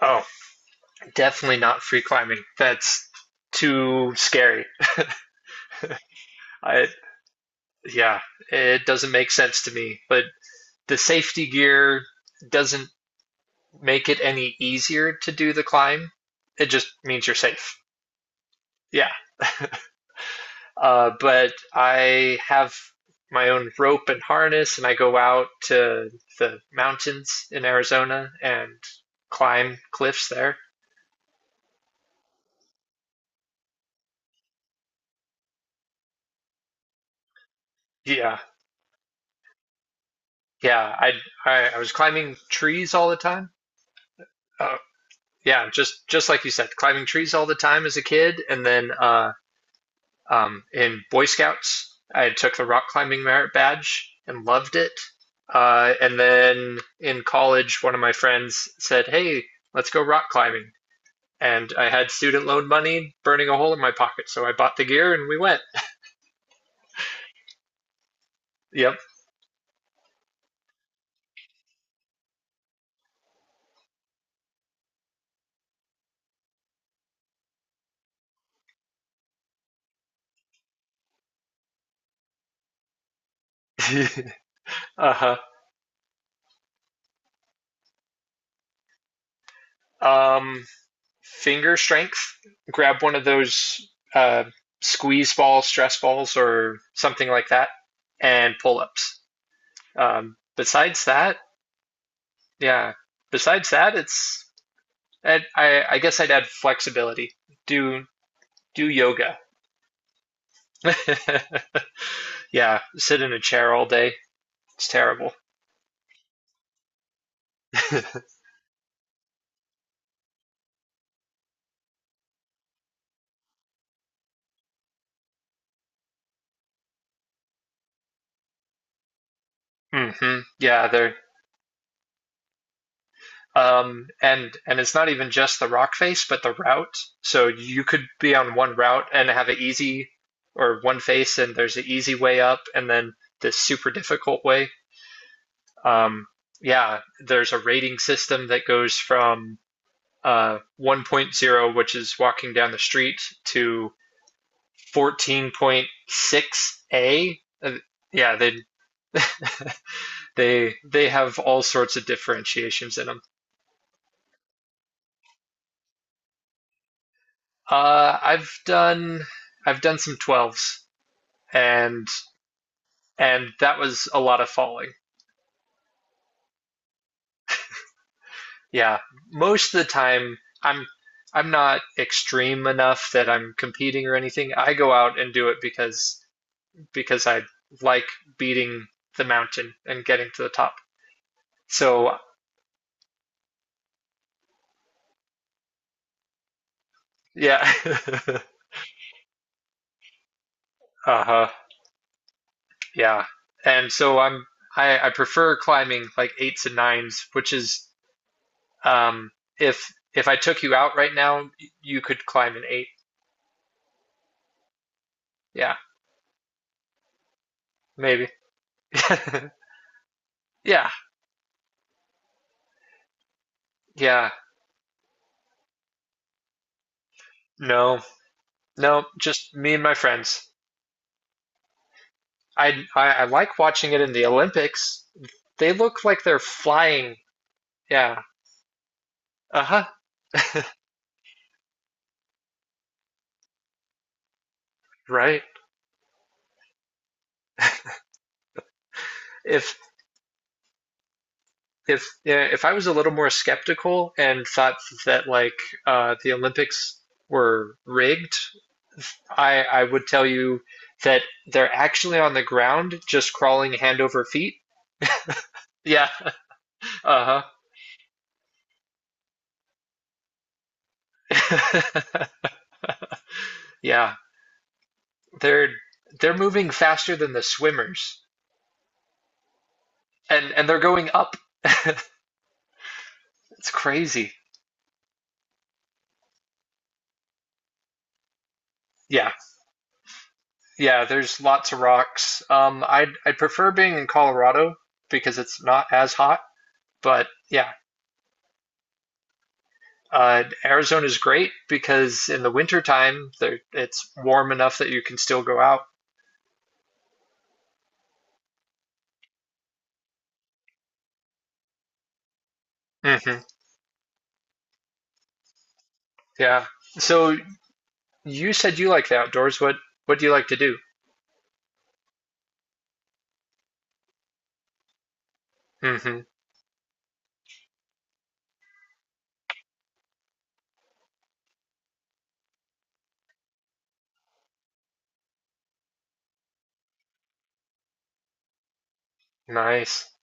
Oh, definitely not free climbing. That's too scary. I yeah, it doesn't make sense to me. But the safety gear doesn't make it any easier to do the climb. It just means you're safe. Yeah. But I have my own rope and harness, and I go out to the mountains in Arizona and climb cliffs there. Yeah, yeah. I was climbing trees all the time. Uh, yeah, just like you said, climbing trees all the time as a kid, and then in Boy Scouts, I took the rock climbing merit badge and loved it. And then in college, one of my friends said, "Hey, let's go rock climbing," and I had student loan money burning a hole in my pocket, so I bought the gear and we went. Yep. Uh huh. Um, finger strength, grab one of those uh, squeeze balls, stress balls, or something like that, and pull ups. Besides that, yeah. Besides that, it's I, guess I'd add flexibility. Do do yoga. Yeah, sit in a chair all day. It's terrible. Hmm, yeah, they're and it's not even just the rock face, but the route. So you could be on one route and have an easy or one face, and there's an easy way up, and then this super difficult way. Um, yeah, there's a rating system that goes from 1.0, which is walking down the street, to 14.6a. Yeah, they they have all sorts of differentiations in them. Uh, I've done I've done some 12s and and that was a lot of falling. Yeah, most of the time I'm I'm not extreme enough that I'm competing or anything. I go out and do it because I like beating the mountain and getting to the top. So yeah, uh-huh, yeah. And so I prefer climbing like eights and nines, which is Um, if I took you out right now, you could climb an eight. Yeah, maybe. Yeah, yeah. No, no. Just me and my friends. I like watching it in the Olympics. They look like they're flying. Yeah. Uh-huh. Right. If if yeah, if I was a little more skeptical and thought that like, the Olympics were rigged, I would tell you that they're actually on the ground, just crawling hand over feet. Yeah. Uh-huh. Yeah. They're they're moving faster than the swimmers, and they're going up. It's crazy. Yeah. Yeah, there's lots of rocks. I'd prefer being in Colorado because it's not as hot, but yeah. Arizona's great because in the winter time there it's warm enough that you can still go out. Hmm. Yeah. So you said you like the outdoors. What do you like to do? Hmm. Nice.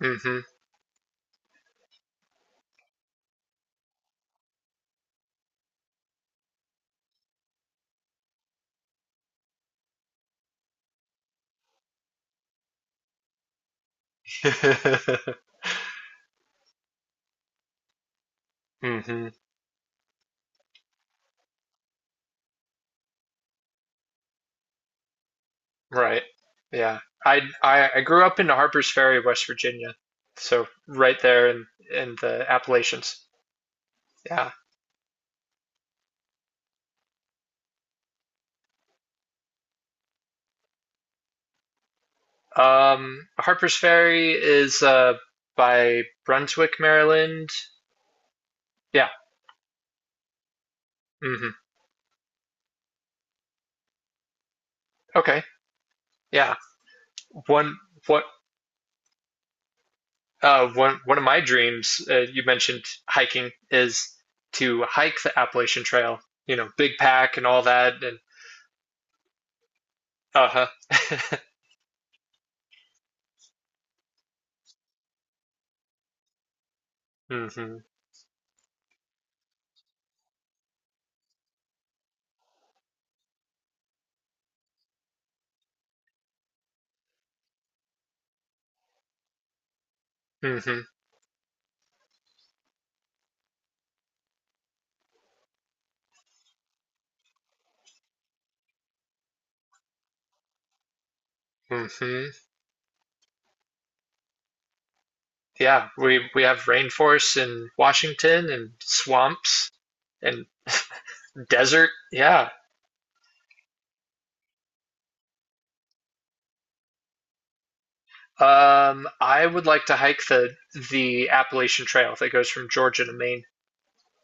Mhm. Hmm. Right. Yeah. I grew up in Harpers Ferry, West Virginia. So right there in the Appalachians. Yeah. Harpers Ferry is by Brunswick, Maryland. Yeah. Hmm. Okay. Yeah. One what one one of my dreams, you mentioned hiking, is to hike the Appalachian Trail. Big Pack and all that, and uh-huh. Hmm. Hmm. Hmm. Yeah, we have rainforests in Washington and swamps and desert. Yeah. I would like to hike the Appalachian Trail that goes from Georgia to Maine.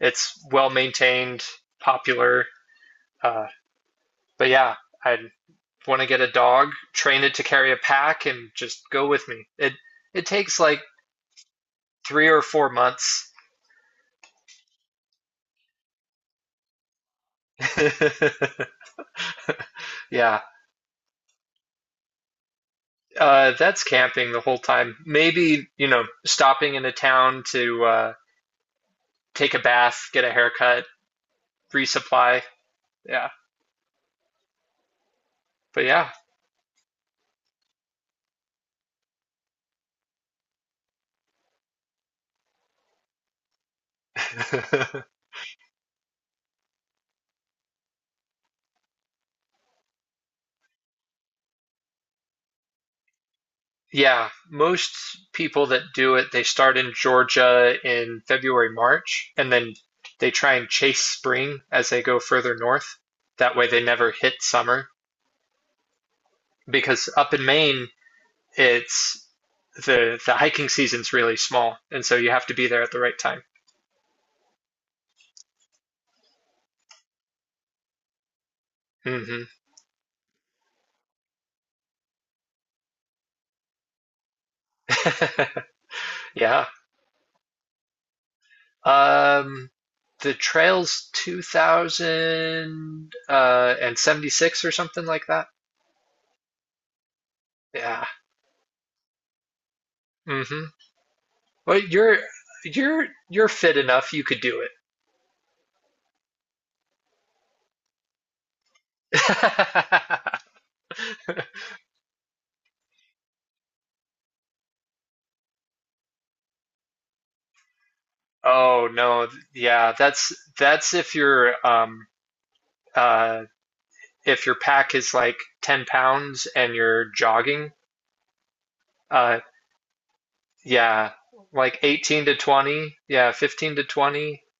It's well maintained, popular. Uh, but yeah, I would want to get a dog, train it to carry a pack, and just go with me. It takes like 3 or 4 months. Yeah, that's camping the whole time. Maybe, stopping in a town to, take a bath, get a haircut, resupply. Yeah. But yeah. Yeah. Most people that do it, they start in Georgia in February, March, and then they try and chase spring as they go further north. That way they never hit summer because up in Maine, it's the hiking season's really small, and so you have to be there at the right time. Hmm. Yeah. Um, the trail's 2000 and 76 or something like that. Yeah. Mm-hmm. Well, you're fit enough. You could do it. Oh no. Yeah, that's uh if your pack is like 10 pounds and you're jogging. Uh yeah, like 18 to 20. Yeah, 15 to 20.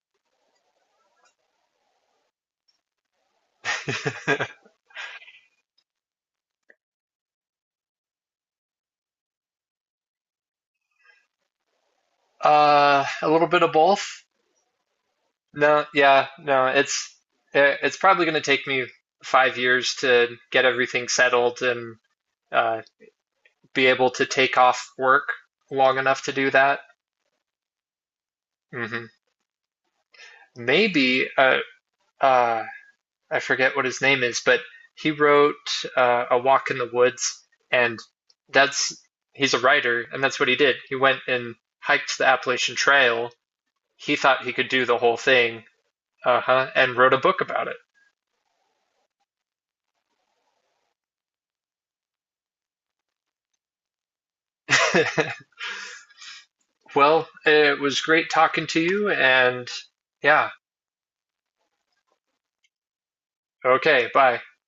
A little bit of both. No, yeah, no, it's probably going to take me 5 years to get everything settled and, uh, be able to take off work long enough to do that. Hmm. Maybe uh, I forget what his name is, but he wrote, A Walk in the Woods, and that's he's a writer, and that's what he did. He went and hiked the Appalachian Trail. He thought he could do the whole thing, uh-huh, and wrote a book about it. Well, it was great talking to you, and yeah, okay, bye.